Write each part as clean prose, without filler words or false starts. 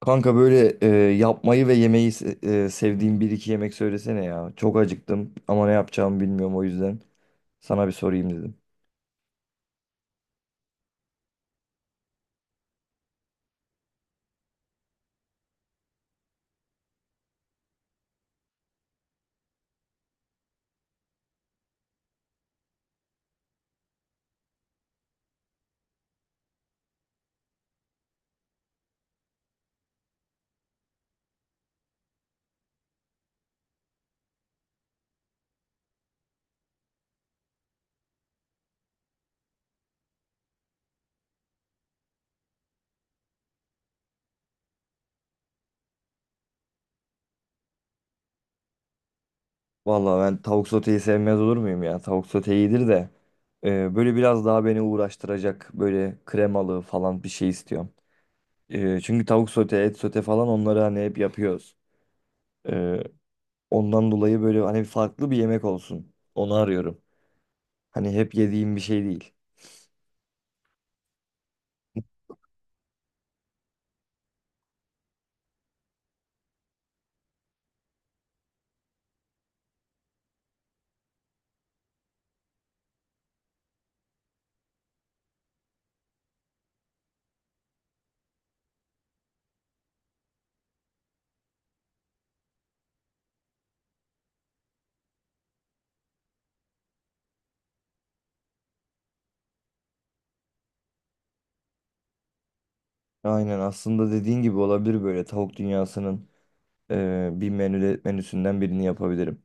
Kanka böyle yapmayı ve yemeyi sevdiğim bir iki yemek söylesene ya. Çok acıktım ama ne yapacağımı bilmiyorum, o yüzden sana bir sorayım dedim. Vallahi ben tavuk soteyi sevmez olur muyum ya? Tavuk sote iyidir de böyle biraz daha beni uğraştıracak böyle kremalı falan bir şey istiyorum. Çünkü tavuk sote, et sote falan onları hani hep yapıyoruz. E, Ondan dolayı böyle hani farklı bir yemek olsun. Onu arıyorum. Hani hep yediğim bir şey değil. Aynen, aslında dediğin gibi olabilir, böyle tavuk dünyasının bir menüsünden birini yapabilirim.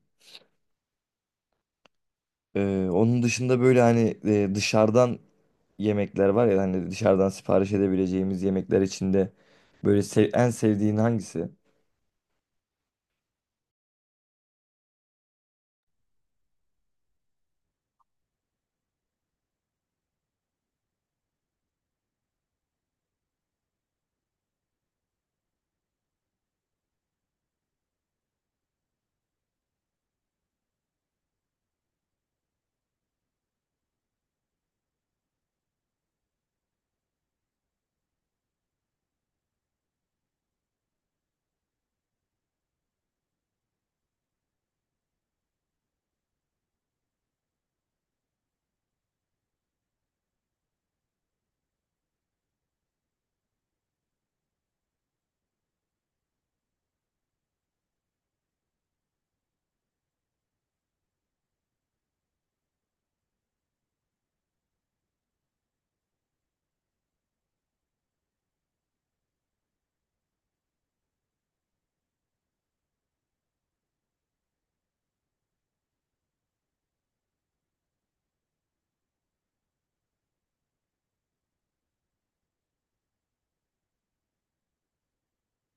Onun dışında böyle hani dışarıdan yemekler var ya, hani dışarıdan sipariş edebileceğimiz yemekler içinde böyle en sevdiğin hangisi?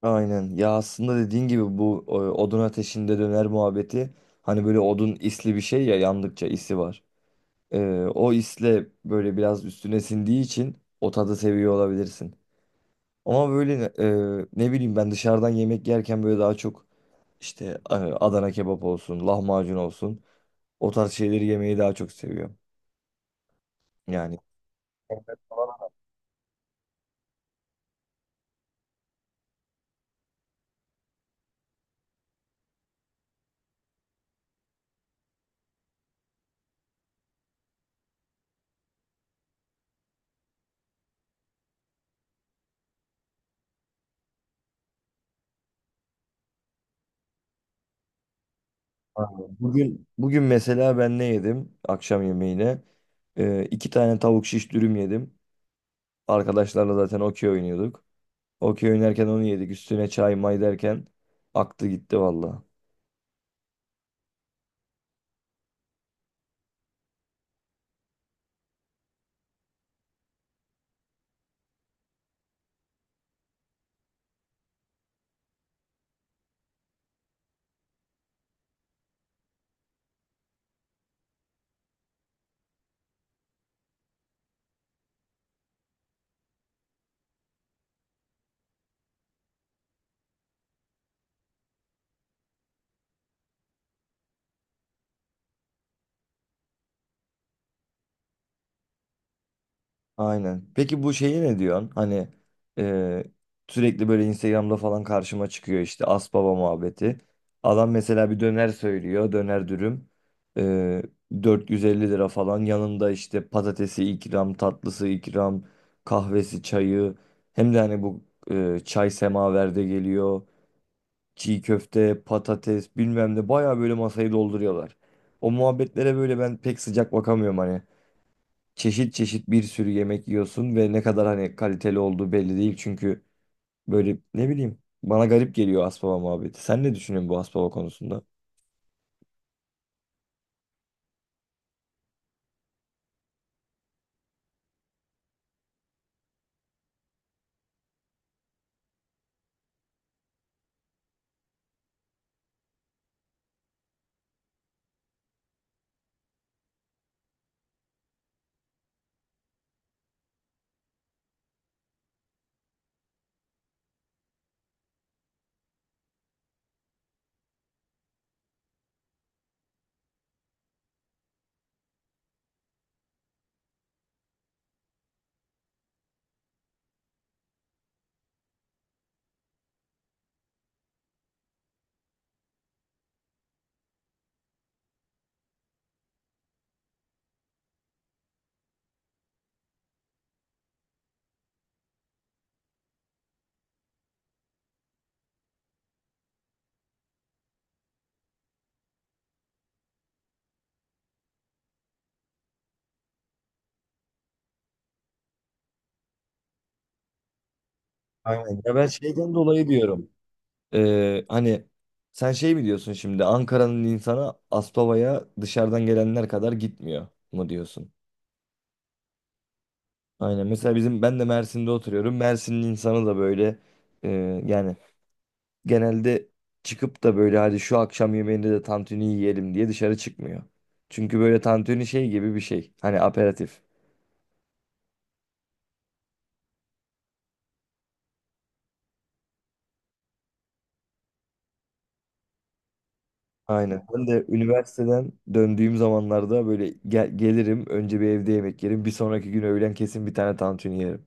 Aynen ya, aslında dediğin gibi bu odun ateşinde döner muhabbeti, hani böyle odun isli bir şey ya, yandıkça isi var. O isle böyle biraz üstüne sindiği için o tadı seviyor olabilirsin. Ama böyle ne bileyim, ben dışarıdan yemek yerken böyle daha çok işte Adana kebap olsun, lahmacun olsun, o tarz şeyleri yemeyi daha çok seviyorum. Yani aynen. Bugün mesela ben ne yedim akşam yemeğine? İki tane tavuk şiş dürüm yedim. Arkadaşlarla zaten okey oynuyorduk. Okey oynarken onu yedik. Üstüne çay may derken aktı gitti valla. Aynen. Peki bu şeyi ne diyorsun? Hani e, sürekli böyle Instagram'da falan karşıma çıkıyor işte Asbaba muhabbeti. Adam mesela bir döner söylüyor. Döner dürüm. E, 450 lira falan. Yanında işte patatesi ikram, tatlısı ikram, kahvesi, çayı. Hem de hani bu çay semaverde geliyor. Çiğ köfte, patates bilmem ne. Baya böyle masayı dolduruyorlar. O muhabbetlere böyle ben pek sıcak bakamıyorum, hani çeşit çeşit bir sürü yemek yiyorsun ve ne kadar hani kaliteli olduğu belli değil. Çünkü böyle ne bileyim, bana garip geliyor Aspava muhabbeti. Sen ne düşünüyorsun bu Aspava konusunda? Aynen. Ya ben şeyden dolayı diyorum. Hani sen şey mi diyorsun şimdi, Ankara'nın insana Aspava'ya dışarıdan gelenler kadar gitmiyor mu diyorsun? Aynen. Mesela bizim, ben de Mersin'de oturuyorum. Mersin'in insanı da böyle e, yani genelde çıkıp da böyle hadi şu akşam yemeğinde de tantuni yiyelim diye dışarı çıkmıyor. Çünkü böyle tantuni şey gibi bir şey. Hani aperatif. Aynen. Ben de üniversiteden döndüğüm zamanlarda böyle gelirim, önce bir evde yemek yerim. Bir sonraki gün öğlen kesin bir tane tantuni yerim.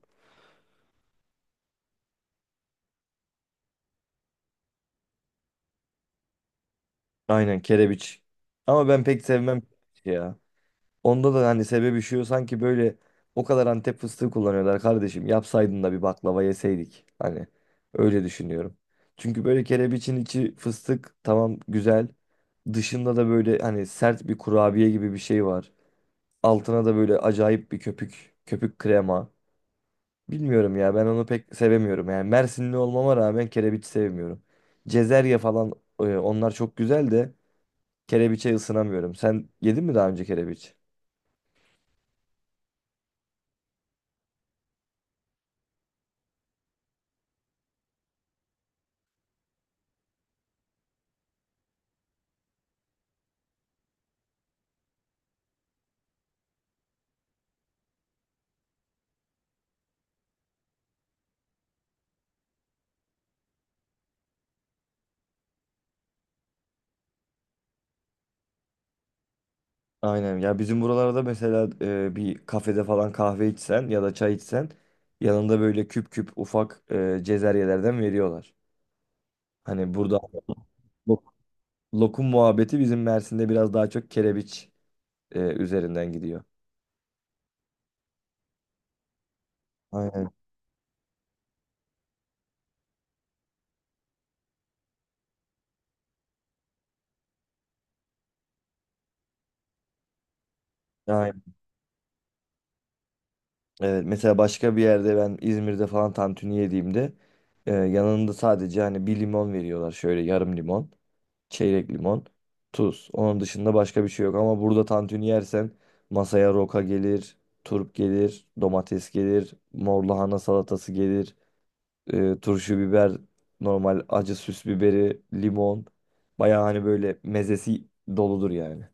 Aynen, kerebiç. Ama ben pek sevmem kerebiç ya. Onda da hani sebebi şu, sanki böyle o kadar Antep fıstığı kullanıyorlar kardeşim. Yapsaydın da bir baklava yeseydik. Hani öyle düşünüyorum. Çünkü böyle kerebiçin içi fıstık, tamam, güzel. Dışında da böyle hani sert bir kurabiye gibi bir şey var. Altına da böyle acayip bir köpük, köpük krema. Bilmiyorum ya, ben onu pek sevemiyorum. Yani Mersinli olmama rağmen kerebiç sevmiyorum. Cezerye falan, onlar çok güzel de kerebiçe ısınamıyorum. Sen yedin mi daha önce kerebiç? Aynen ya, bizim buralarda mesela bir kafede falan kahve içsen ya da çay içsen, yanında böyle küp küp ufak cezeryelerden veriyorlar. Hani burada lo- lokum muhabbeti, bizim Mersin'de biraz daha çok kerebiç üzerinden gidiyor. Aynen. Aynen. Evet, mesela başka bir yerde, ben İzmir'de falan tantuni yediğimde yanında sadece hani bir limon veriyorlar, şöyle yarım limon, çeyrek limon, tuz. Onun dışında başka bir şey yok. Ama burada tantuni yersen masaya roka gelir, turp gelir, domates gelir, mor lahana salatası gelir, turşu biber, normal acı süs biberi, limon. Bayağı hani böyle mezesi doludur yani.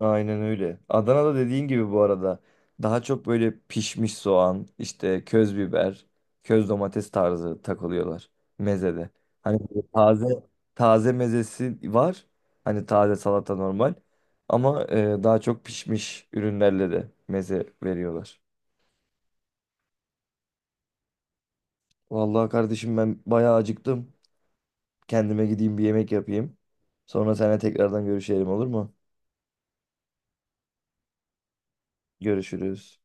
Aynen öyle. Adana'da dediğin gibi bu arada daha çok böyle pişmiş soğan, işte köz biber, köz domates tarzı takılıyorlar mezede. Hani böyle taze taze mezesi var. Hani taze salata normal. Ama daha çok pişmiş ürünlerle de meze veriyorlar. Vallahi kardeşim ben bayağı acıktım. Kendime gideyim bir yemek yapayım. Sonra seninle tekrardan görüşelim, olur mu? Görüşürüz.